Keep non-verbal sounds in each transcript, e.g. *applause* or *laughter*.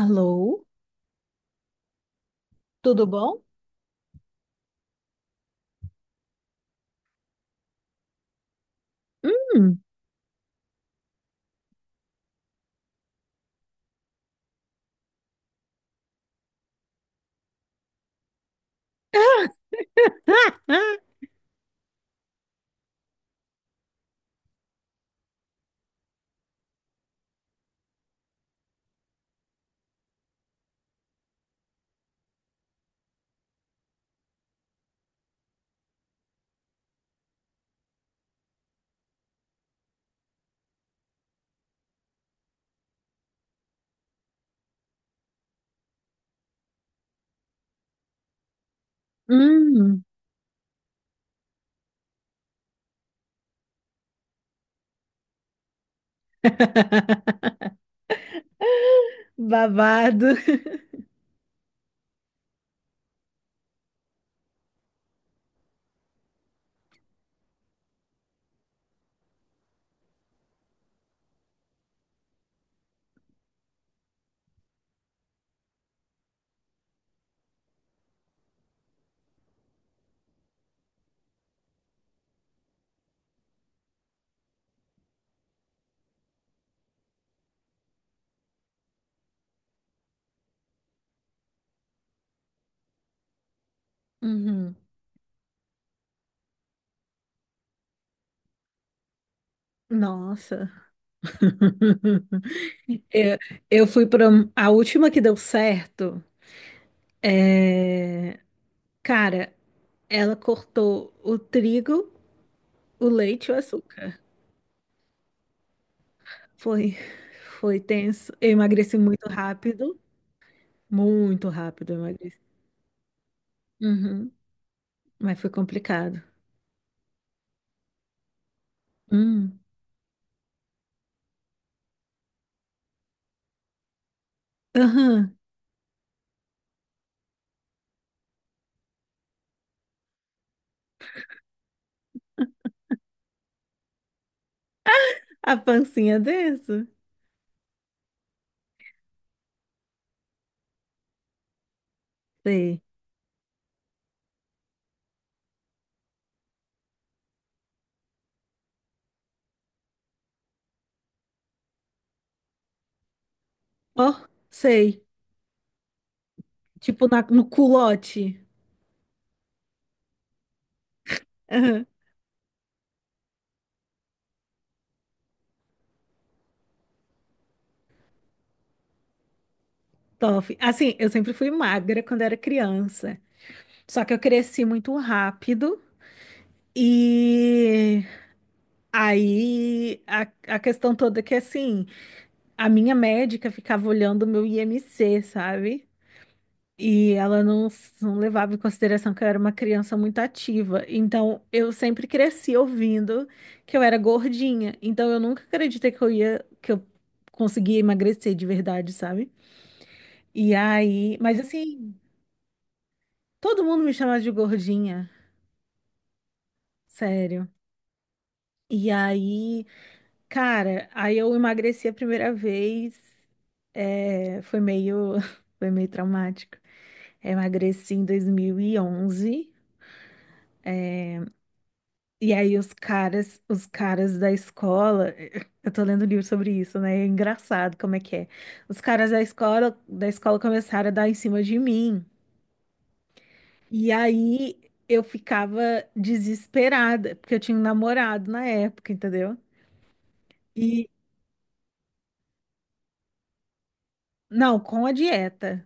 Alô, tudo bom? Hum. *laughs* Ah, ah. Hum. *laughs* Babado. Uhum. Nossa. *laughs* Eu, eu fui para a última que deu certo. é, Cara, ela cortou o trigo, o leite e o açúcar. Foi, foi tenso. Eu emagreci muito rápido. Muito rápido eu emagreci. Uhum. Mas foi complicado. Aham. A pancinha dessa? Sei. Ó, sei. Tipo no culote. Aham. Top. Assim, eu sempre fui magra quando era criança. Só que eu cresci muito rápido. E aí a, a questão toda é que assim, a minha médica ficava olhando o meu IMC, sabe? E ela não, não levava em consideração que eu era uma criança muito ativa. Então, eu sempre cresci ouvindo que eu era gordinha. Então, eu nunca acreditei que eu conseguia emagrecer de verdade, sabe? E aí, mas assim, todo mundo me chamava de gordinha, sério. E aí, cara, aí eu emagreci a primeira vez, é, foi meio, *laughs* foi meio traumático. Eu emagreci em 2011. E aí os caras da escola, *laughs* eu tô lendo um livro sobre isso, né? É engraçado como é que é. Os caras da escola começaram a dar em cima de mim. E aí eu ficava desesperada, porque eu tinha um namorado na época, entendeu? E não, com a dieta.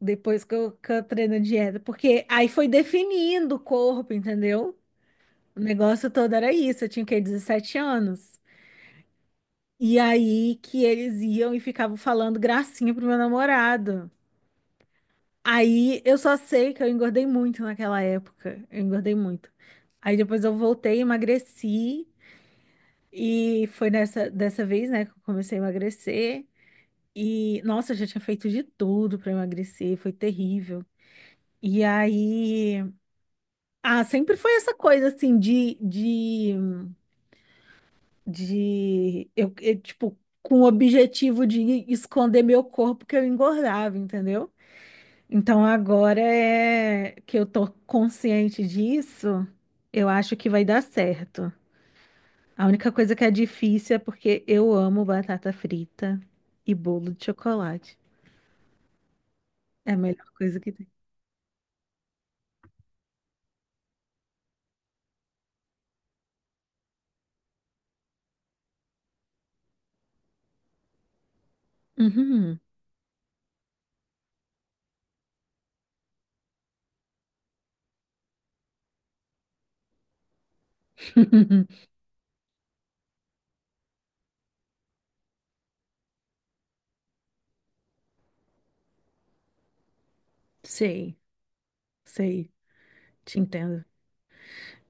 Depois que eu treino a dieta, porque aí foi definindo o corpo, entendeu? O negócio todo era isso, eu tinha o quê? 17 anos. E aí que eles iam e ficavam falando gracinha pro meu namorado. Aí eu só sei que eu engordei muito naquela época. Eu engordei muito. Aí depois eu voltei, emagreci. E foi nessa dessa vez, né, que eu comecei a emagrecer. E, nossa, eu já tinha feito de tudo pra emagrecer, foi terrível. E aí, ah, sempre foi essa coisa assim de tipo, com o objetivo de esconder meu corpo que eu engordava, entendeu? Então agora é que eu tô consciente disso, eu acho que vai dar certo. A única coisa que é difícil é porque eu amo batata frita e bolo de chocolate. É a melhor coisa que tem. Uhum. *laughs* Sei, sei, te entendo.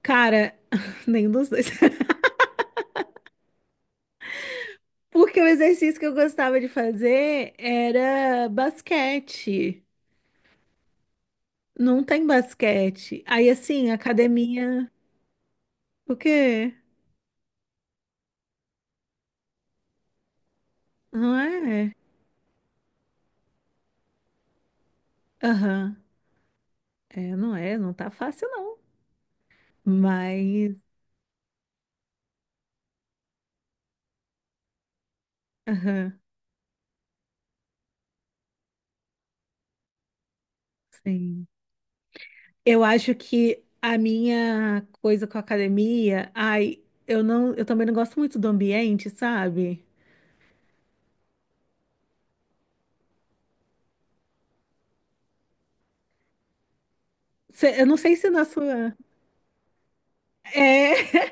Cara, *laughs* nenhum dos dois. *laughs* Porque o exercício que eu gostava de fazer era basquete. Não tem basquete. Aí assim, academia. O quê? Não é? Aham. Não tá fácil não. Mas, aham, sim. Eu acho que a minha coisa com a academia, ai, eu também não gosto muito do ambiente, sabe? Eu não sei se na sua. É,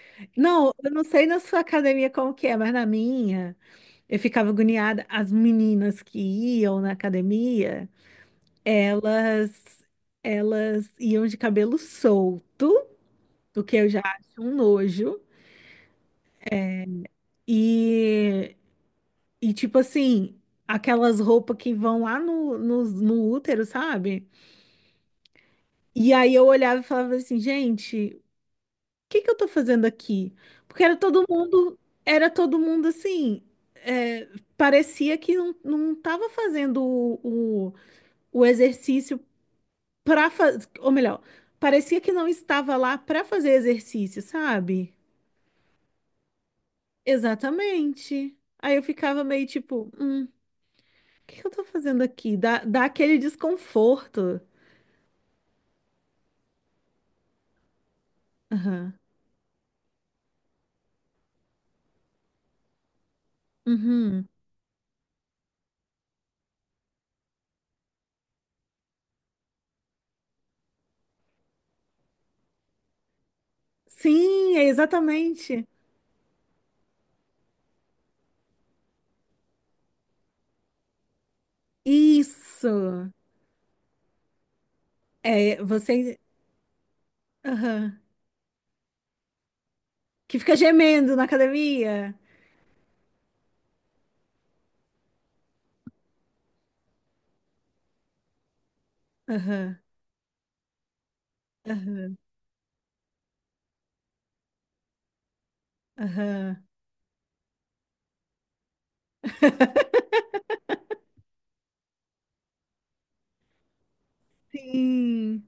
*laughs* não, eu não sei na sua academia como que é, mas na minha, eu ficava agoniada. As meninas que iam na academia, elas, elas iam de cabelo solto, o que eu já acho um nojo. E, e tipo assim, aquelas roupas que vão lá no útero, sabe? E aí eu olhava e falava assim, gente, o que que eu tô fazendo aqui? Porque era todo mundo assim, é, parecia que não tava fazendo o exercício pra fazer, ou melhor, parecia que não estava lá pra fazer exercício, sabe? Exatamente. Aí eu ficava meio tipo. Que eu tô fazendo aqui? Dá aquele desconforto. Aham. Uhum. Sim, é exatamente. Isso. É, você. Aham. Que fica gemendo na academia. Aham. Aham. Aham. Sim.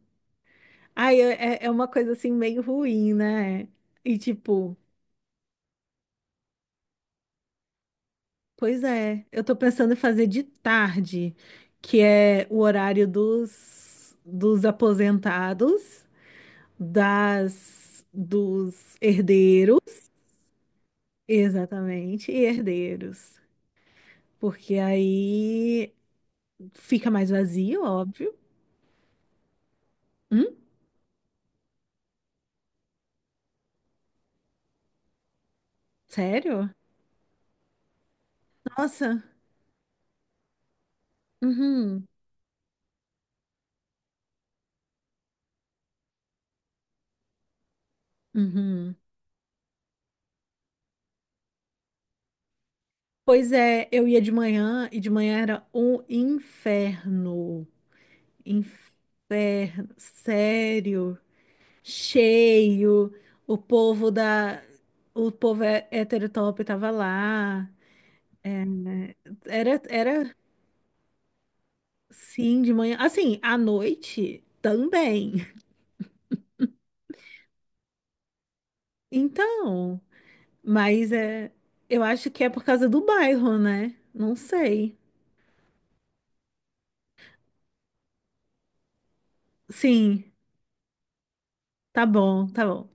Ai, é, é uma coisa assim meio ruim, né? E tipo, pois é, eu tô pensando em fazer de tarde, que é o horário dos aposentados. Das dos herdeiros, exatamente, e herdeiros, porque aí fica mais vazio, óbvio. Hum? Sério? Nossa. Uhum. Uhum. Pois é, eu ia de manhã e de manhã era um inferno. Inferno, sério. Cheio. O povo da o povo heterotop tava lá. Era Sim, de manhã. Assim, à noite também. *laughs* Então, mas é, eu acho que é por causa do bairro, né? Não sei. Sim, tá bom, tá bom.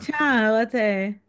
Tchau, até.